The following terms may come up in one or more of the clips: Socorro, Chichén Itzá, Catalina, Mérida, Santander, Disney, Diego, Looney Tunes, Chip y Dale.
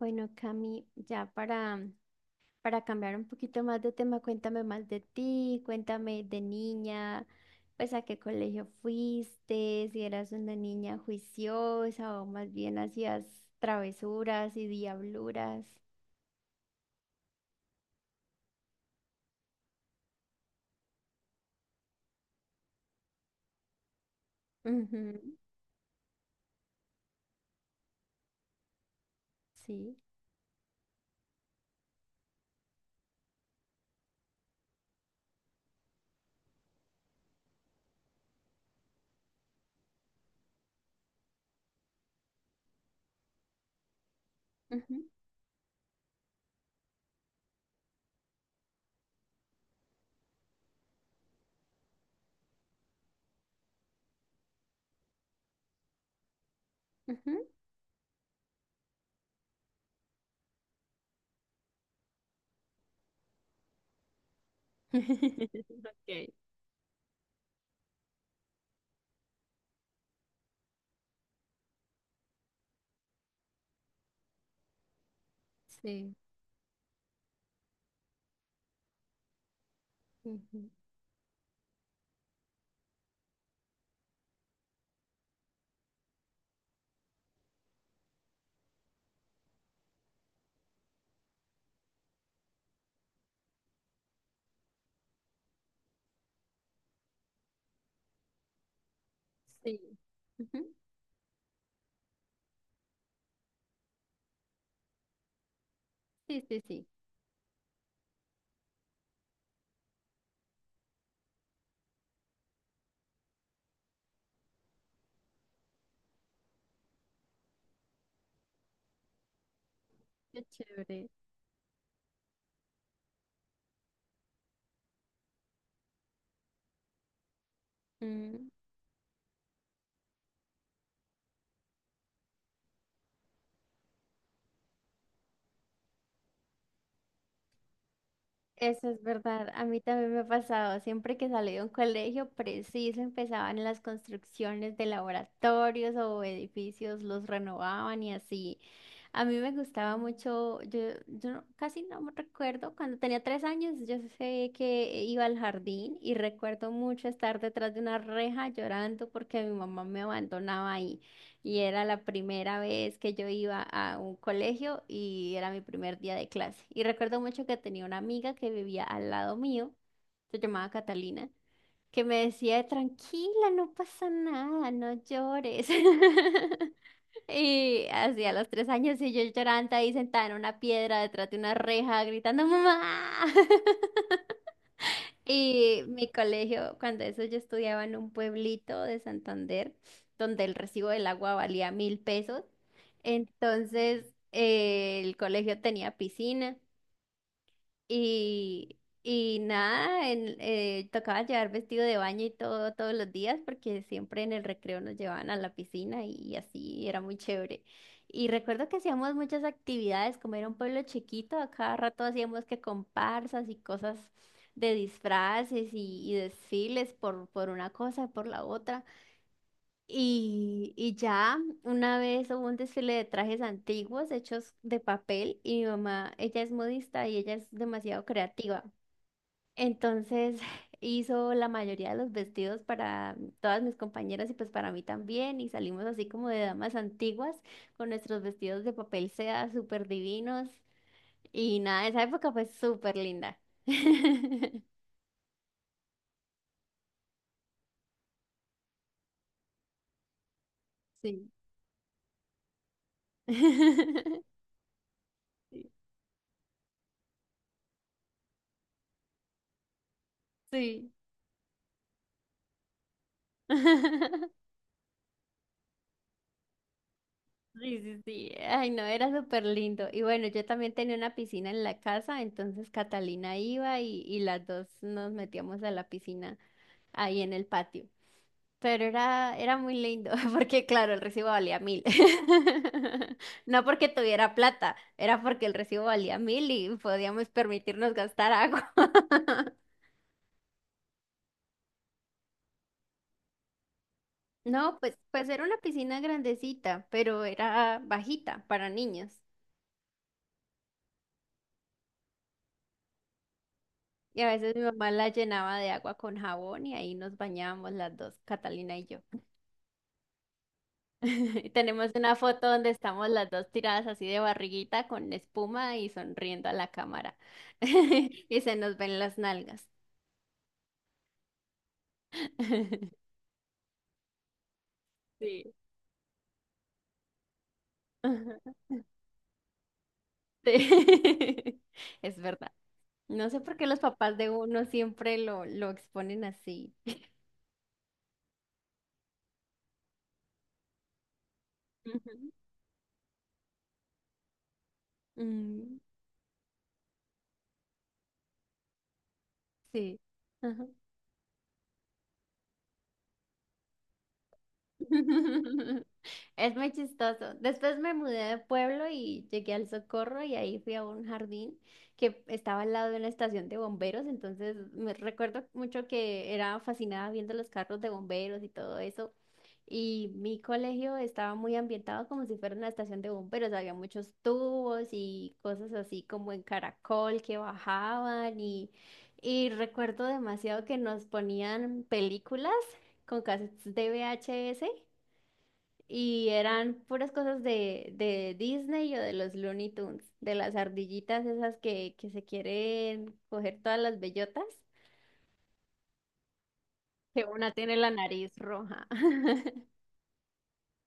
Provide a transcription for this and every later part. Bueno, Cami, ya para cambiar un poquito más de tema, cuéntame más de ti, cuéntame de niña, pues a qué colegio fuiste, si eras una niña juiciosa o más bien hacías travesuras y diabluras. Ujú, sí. Ujú, ujú. Ok, sí. Ujú, sí. Ujú, sí, sí, sí. Qué chévere. Eso es verdad, a mí también me ha pasado, siempre que salí de un colegio, preciso empezaban las construcciones de laboratorios o edificios, los renovaban y así. A mí me gustaba mucho, yo no- casi no me recuerdo, cuando tenía tres años yo sé que iba al jardín y recuerdo mucho estar detrás de una reja llorando porque mi mamá me abandonaba ahí. Y era la primera vez que yo iba a un colegio y era mi primer día de clase. Y recuerdo mucho que tenía una amiga que vivía al lado mío, se llamaba Catalina, que me decía, tranquila, no pasa nada, no llores. Y hacía los tres años y yo llorando ahí sentada en una piedra detrás de una reja gritando, mamá. Y mi colegio, cuando eso yo estudiaba en un pueblito de Santander, donde el recibo del agua valía 1000 pesos. Entonces, el colegio tenía piscina y nada, tocaba llevar vestido de baño y todo todos los días porque siempre en el recreo nos llevaban a la piscina y así era muy chévere. Y recuerdo que hacíamos muchas actividades, como era un pueblo chiquito, a cada rato hacíamos que comparsas y cosas de disfraces y desfiles por una cosa, por la otra. Y ya una vez hubo un desfile de trajes antiguos hechos de papel y mi mamá, ella es modista y ella es demasiado creativa. Entonces hizo la mayoría de los vestidos para todas mis compañeras y pues para mí también y salimos así como de damas antiguas con nuestros vestidos de papel seda súper divinos y nada, esa época fue súper linda. Sí. Sí. Sí. Sí, sí, sí. Ay, no, era súper lindo. Y bueno, yo también tenía una piscina en la casa, entonces Catalina iba y las dos nos metíamos a la piscina ahí en el patio. Pero era muy lindo, porque claro, el recibo valía mil. No porque tuviera plata, era porque el recibo valía mil y podíamos permitirnos gastar agua. No, pues era una piscina grandecita, pero era bajita para niños. Y a veces mi mamá la llenaba de agua con jabón y ahí nos bañábamos las dos, Catalina y yo. Y tenemos una foto donde estamos las dos tiradas así de barriguita con espuma y sonriendo a la cámara. Y se nos ven las nalgas. Sí. Ajá. Sí. Es verdad. No sé por qué los papás de uno siempre lo exponen así. Ujú. Mm, sí. Ajá. Es muy chistoso. Después me mudé de pueblo y llegué al Socorro y ahí fui a un jardín que estaba al lado de una estación de bomberos. Entonces me recuerdo mucho que era fascinada viendo los carros de bomberos y todo eso. Y mi colegio estaba muy ambientado como si fuera una estación de bomberos. Había muchos tubos y cosas así como en caracol que bajaban y recuerdo demasiado que nos ponían películas con cassettes de VHS y eran puras cosas de Disney o de los Looney Tunes, de las ardillitas esas que se quieren coger todas las bellotas, que una tiene la nariz roja.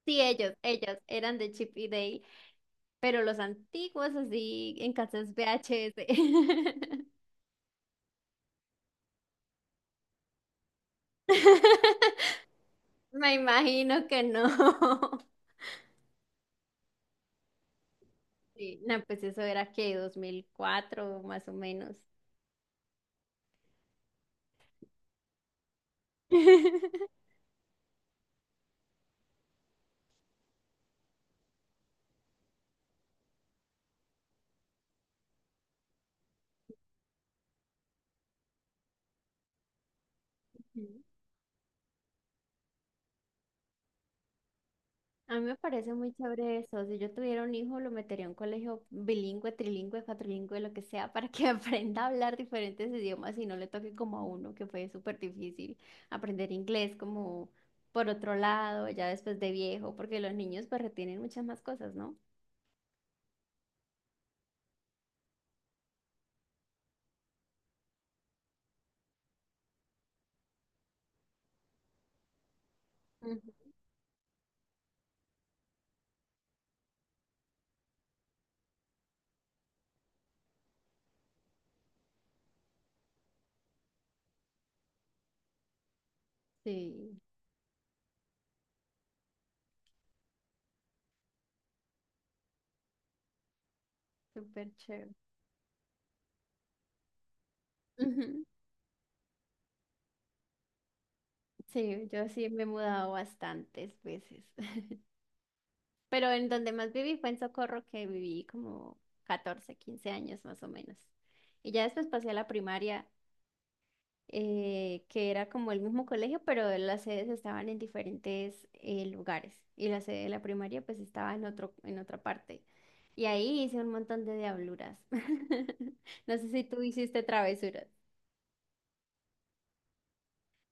Sí, ellos eran de Chip y Dale, pero los antiguos así en casas VHS. Me imagino que no. Sí, no, pues eso era que 2004 más o menos. A mí me parece muy chévere eso. Si yo tuviera un hijo, lo metería a un colegio bilingüe, trilingüe, cuatrilingüe, lo que sea, para que aprenda a hablar diferentes idiomas y no le toque como a uno, que fue súper difícil aprender inglés como por otro lado, ya después de viejo, porque los niños pues retienen muchas más cosas, ¿no? Ujú. Sí, súper chévere. Ujú. Sí, yo sí me he mudado bastantes veces. Pero en donde más viví fue en Socorro, que viví como 14 15 años más o menos. Y ya después pasé a la primaria, que era como el mismo colegio, pero las sedes estaban en diferentes lugares. Y la sede de la primaria pues estaba en otra parte. Y ahí hice un montón de diabluras. No sé si tú hiciste travesuras.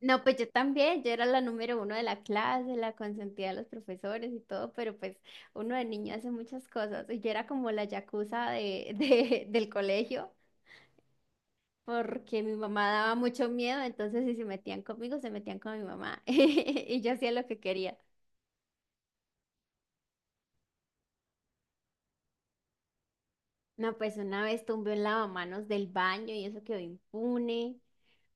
No, pues yo también, yo era la número uno de la clase, la consentida de los profesores y todo, pero pues uno de niño hace muchas cosas. Y yo era como la yakuza del colegio, porque mi mamá daba mucho miedo, entonces si se metían conmigo, se metían con mi mamá. Y yo hacía lo que quería. No, pues una vez tumbé un lavamanos del baño y eso quedó impune.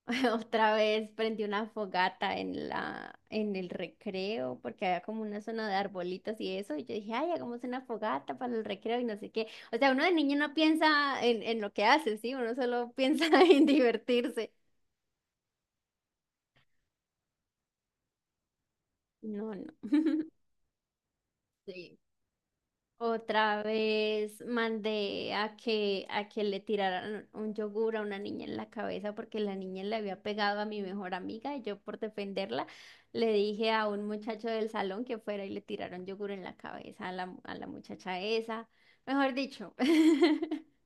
Otra vez prendí una fogata en el recreo, porque había como una zona de arbolitos y eso, y yo dije, ay, hagamos una fogata para el recreo y no sé qué. O sea, uno de niño no piensa en lo que hace, ¿sí? Uno solo piensa en divertirse. No, no. Sí. Otra vez mandé a que le tiraran un yogur a una niña en la cabeza porque la niña le había pegado a mi mejor amiga y yo por defenderla le dije a un muchacho del salón que fuera y le tiraron yogur en la cabeza a la muchacha esa. Mejor dicho.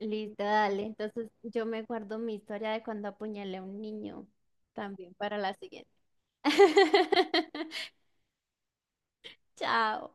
Listo, dale. Entonces yo me guardo mi historia de cuando apuñalé a un niño también para la siguiente. Chao.